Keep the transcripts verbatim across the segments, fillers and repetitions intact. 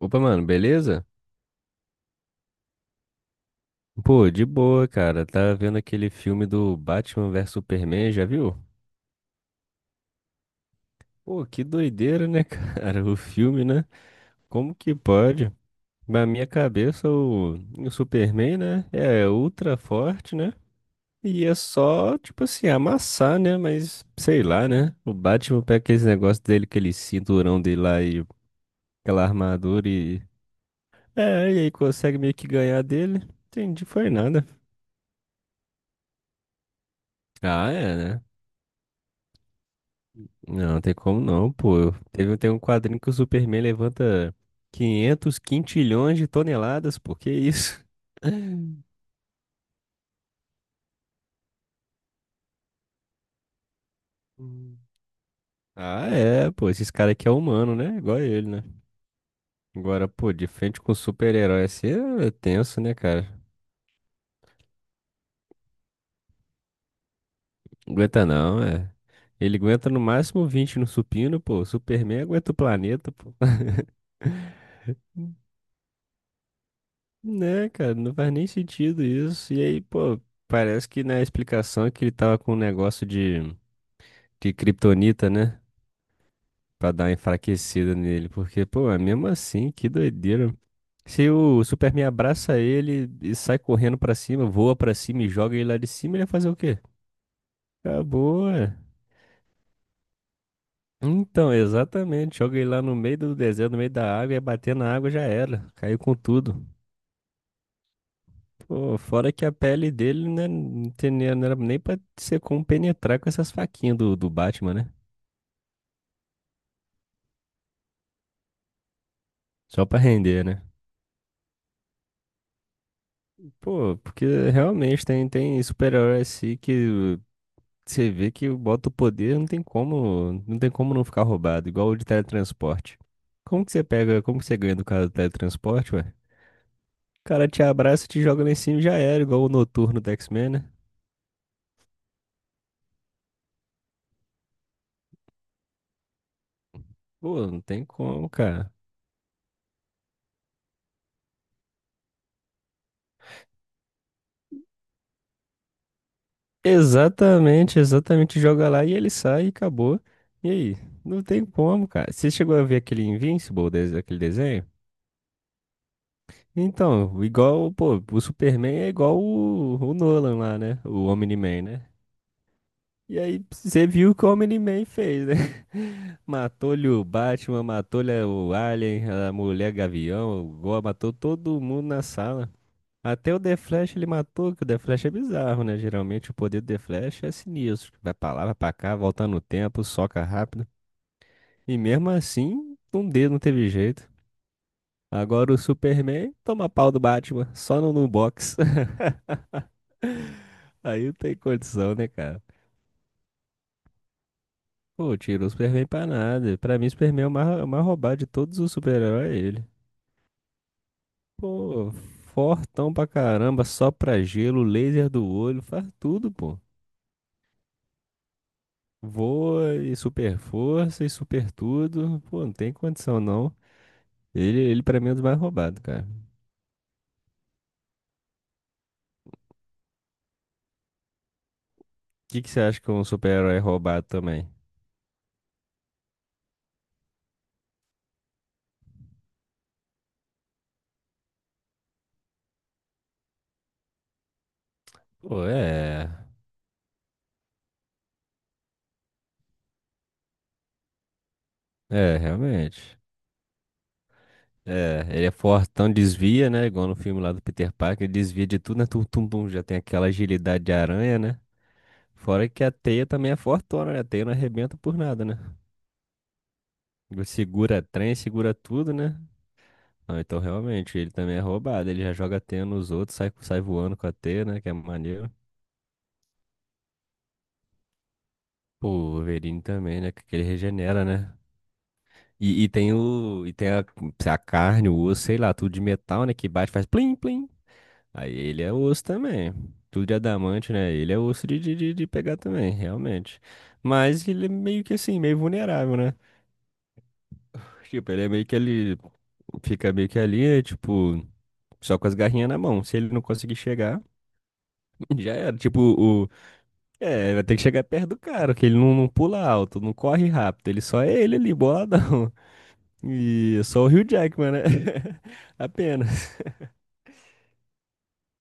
Opa, mano, beleza? Pô, de boa, cara. Tá vendo aquele filme do Batman versus Superman, já viu? Pô, que doideira, né, cara? O filme, né? Como que pode? Na minha cabeça, o, o Superman, né? É ultra forte, né? E é só, tipo assim, amassar, né? Mas sei lá, né? O Batman pega aquele negócio dele, aquele cinturão dele lá e aquela armadura e. É, e aí consegue meio que ganhar dele. Entendi, foi nada. Ah, é, né? Não, não tem como não, pô. Eu- Teve, tem um quadrinho que o Superman levanta quinhentos quintilhões de toneladas, pô. Que isso? Hum. Ah, é, pô. Esses caras aqui é humano, né? Igual ele, né? Agora, pô, de frente com super-herói assim é tenso, né, cara? Não aguenta não, é. Ele aguenta no máximo vinte no supino, pô. O Superman aguenta o planeta, pô. Né, cara, não faz nem sentido isso. E aí, pô, parece que na explicação é que ele tava com um negócio de. De Kryptonita, né? Pra dar uma enfraquecida nele. Porque, pô, é mesmo assim, que doideira. Se o Superman abraça ele e sai correndo pra cima, voa pra cima e joga ele lá de cima, ele vai fazer o quê? Acabou, é. Então, exatamente. Joga ele lá no meio do deserto, no meio da água, e bater na água já era. Caiu com tudo. Pô, fora que a pele dele, né, não tem nem- não era nem pra ser como penetrar com essas faquinhas do, do Batman, né? Só pra render, né? Pô, porque realmente tem, tem super-herói assim que você vê que bota o poder, não tem como, não tem como não ficar roubado, igual o de teletransporte. Como que você pega, como que você ganha do cara do teletransporte, ué? O cara te abraça, te joga lá em cima e já era, igual o Noturno do X-Men, né? Pô, não tem como, cara. Exatamente, exatamente, joga lá e ele sai e acabou. E aí? Não tem como, cara. Você chegou a ver aquele Invincible, des- aquele desenho? Então, igual, pô, o Superman é igual o, o Nolan lá, né? O Omni-Man, né? E aí você viu como ele man fez, né? Matou-lhe o Batman, matou-lhe o Alien, a mulher Gavião, o Goa, matou todo mundo na sala. Até o The Flash ele matou, que o The Flash é bizarro, né? Geralmente o poder do The Flash é sinistro. Vai pra lá, vai pra cá, volta no tempo, soca rápido. E mesmo assim, um dedo não teve jeito. Agora o Superman toma pau do Batman, só no, no box. Aí não tem condição, né, cara? Pô, tiro o Superman pra nada. Pra mim, o Superman é o mais, é o mais roubado de todos os super-heróis, é ele. Pô, fortão pra caramba, só pra gelo, laser do olho, faz tudo, pô. Voa e super força e super tudo. Pô, não tem condição não. Ele, ele pra mim é um dos mais roubados, cara. O que que você acha que é um super-herói é roubado também? Pô, é. É, realmente. É, ele é fortão, desvia, né? Igual no filme lá do Peter Parker, ele desvia de tudo, né? Tum, tum, tum, já tem aquela agilidade de aranha, né? Fora que a teia também é fortona, né? A teia não arrebenta por nada, né? Ele segura trem, segura tudo, né? Ah, então realmente, ele também é roubado. Ele já joga teia nos outros, sai, sai voando com a teia, né? Que é maneiro. Pô, o Wolverine também, né? Que que ele regenera, né? E, e tem o. E tem a, a carne, o osso, sei lá, tudo de metal, né? Que bate, faz plim, plim. Aí ele é osso também. Tudo de adamante, né? Ele é osso de, de, de de pegar também, realmente. Mas ele é meio que assim, meio vulnerável, né? Tipo, ele é meio que ele. Fica meio que ali, é tipo, só com as garrinhas na mão. Se ele não conseguir chegar, já era. Tipo, o. É, vai ter que chegar perto do cara, que ele não, não pula alto, não corre rápido. Ele só é ele ali, boladão. E é só o Hugh Jackman, né? Apenas.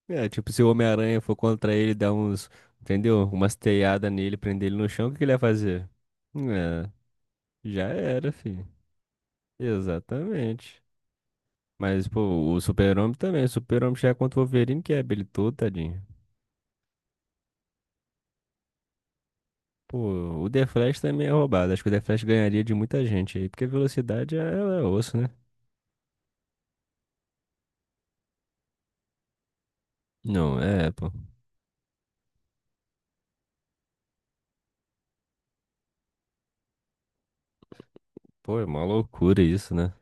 É, tipo, se o Homem-Aranha for contra ele, dar uns. Entendeu? Umas teiadas nele, prender ele no chão, o que que ele ia fazer? É, já era, filho. Exatamente. Mas, pô, o Super-Homem também. O Super-Homem já é contra o Wolverine, que é habilidoso, tadinho. Pô, o The Flash também é roubado. Acho que o The Flash ganharia de muita gente aí, porque a velocidade é, é osso, né? Não, é, pô. Pô, é uma loucura isso, né?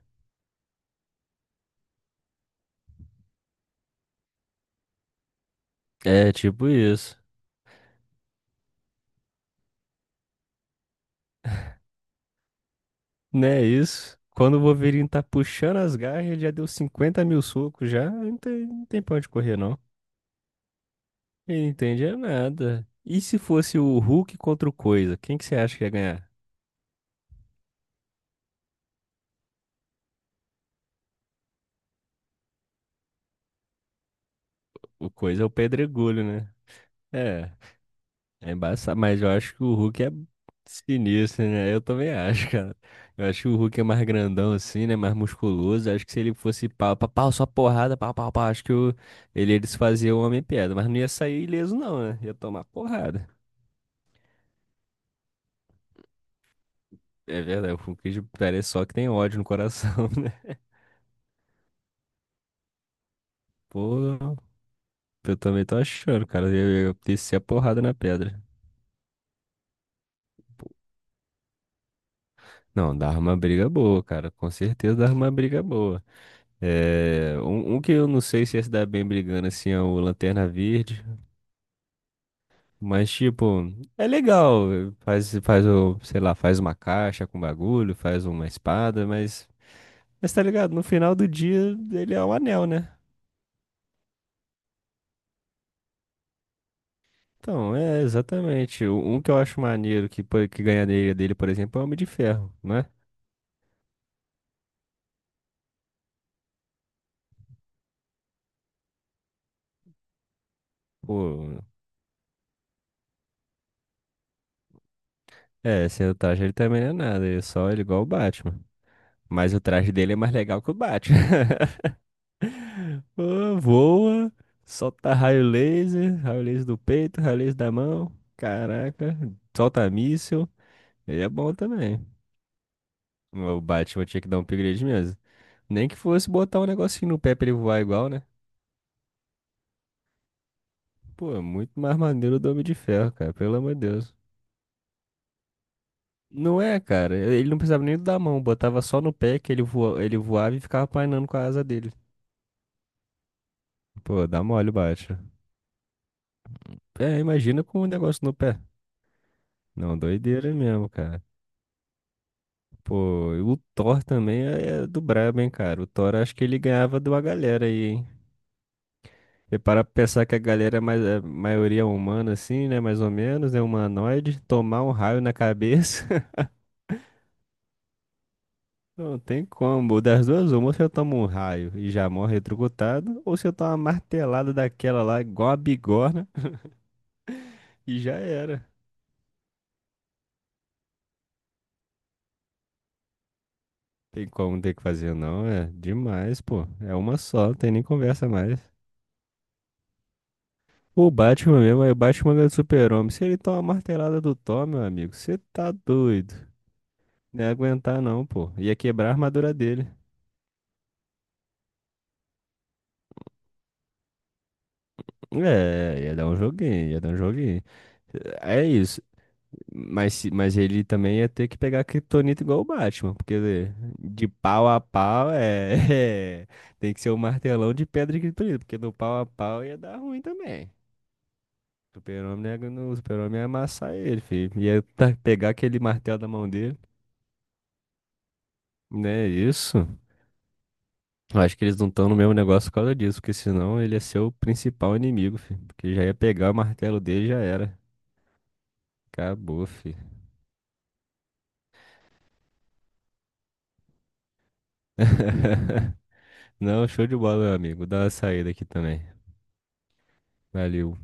É tipo isso. Né, isso. Quando o Wolverine tá puxando as garras, ele já deu cinquenta mil socos já. Não tem, não tem pra onde correr, não. Ele não entende é nada. E se fosse o Hulk contra o Coisa? Quem que você acha que ia ganhar? O Coisa é o pedregulho, né? É. É embaçado, mas eu acho que o Hulk é sinistro, né? Eu também acho, cara. Eu acho que o Hulk é mais grandão assim, né? Mais musculoso. Acho que se ele fosse pau, pau, pau, só porrada, pau, pau, pau. Acho que o... Ele ia desfazer o Homem-Pedra. Mas não ia sair ileso, não, né? Ia tomar porrada. É verdade, o Hulk parece só que tem ódio no coração, né? Pô, eu também tô achando, cara. Eu ia descer a porrada na pedra. Não, dava uma briga boa, cara. Com certeza dava uma briga boa. É, um, um que eu não sei se ia se dar bem brigando assim é o Lanterna Verde, mas tipo, é legal, faz, faz o, sei lá, faz uma caixa com bagulho, faz uma espada, mas, mas, tá ligado, no final do dia ele é o anel, né? Então, é exatamente. Um que eu acho maneiro que, pô- que ganharia dele, por exemplo, é o Homem de Ferro, né? Pô, é, sem o traje ele também não é nada, ele é só ele é igual o Batman. Mas o traje dele é mais legal que o Batman. Pô, voa, solta raio laser, raio laser do peito, raio laser da mão. Caraca, solta míssil. Ele é bom também. O Batman tinha que dar um upgrade mesmo. Nem que fosse botar um negocinho no pé pra ele voar igual, né? Pô, é muito mais maneiro do Homem de Ferro, cara, pelo amor de Deus. Não é, cara. Ele não precisava nem da mão, botava só no pé que ele voa, ele voava e ficava planeando com a asa dele. Pô, dá mole o Batman. É, imagina com um negócio no pé. Não, doideira mesmo, cara. Pô, e o Thor também é é do brabo, hein, cara. O Thor acho que ele ganhava de uma galera aí, hein? E para pensar que a galera é mais, é maioria humana, assim, né? Mais ou menos, é humanoide. Tomar um raio na cabeça, não tem como. Das duas, uma, ou se eu tomo um raio e já morro eletrocutado, ou se eu tomo uma martelada daquela lá, igual a bigorna, e já era. Tem como ter que fazer, não, é demais, pô. É uma só, não tem nem conversa mais. O Batman mesmo, aí o Batman ganha do Super-Homem. Se ele tomar uma martelada do Thor, meu amigo, você tá doido. Não ia aguentar não, pô. Ia quebrar a armadura dele. É, ia dar um joguinho, ia dar um joguinho. É isso. Mas, se- mas ele também ia ter que pegar a Kryptonita igual o Batman, porque de pau a pau é, é, tem que ser um martelão de pedra de Kryptonita, porque no pau a pau ia dar ruim também. O Super-Homem não ia gan- o Super-Homem ia amassar ele, filho. Ia tá- pegar aquele martelo da mão dele. Né, isso. Eu acho que eles não estão no mesmo negócio por causa disso, porque senão ele ia ser o principal inimigo, fi. Porque já ia pegar o martelo dele e já era. Acabou, fi. Não, show de bola, meu amigo. Vou dar uma saída aqui também. Valeu.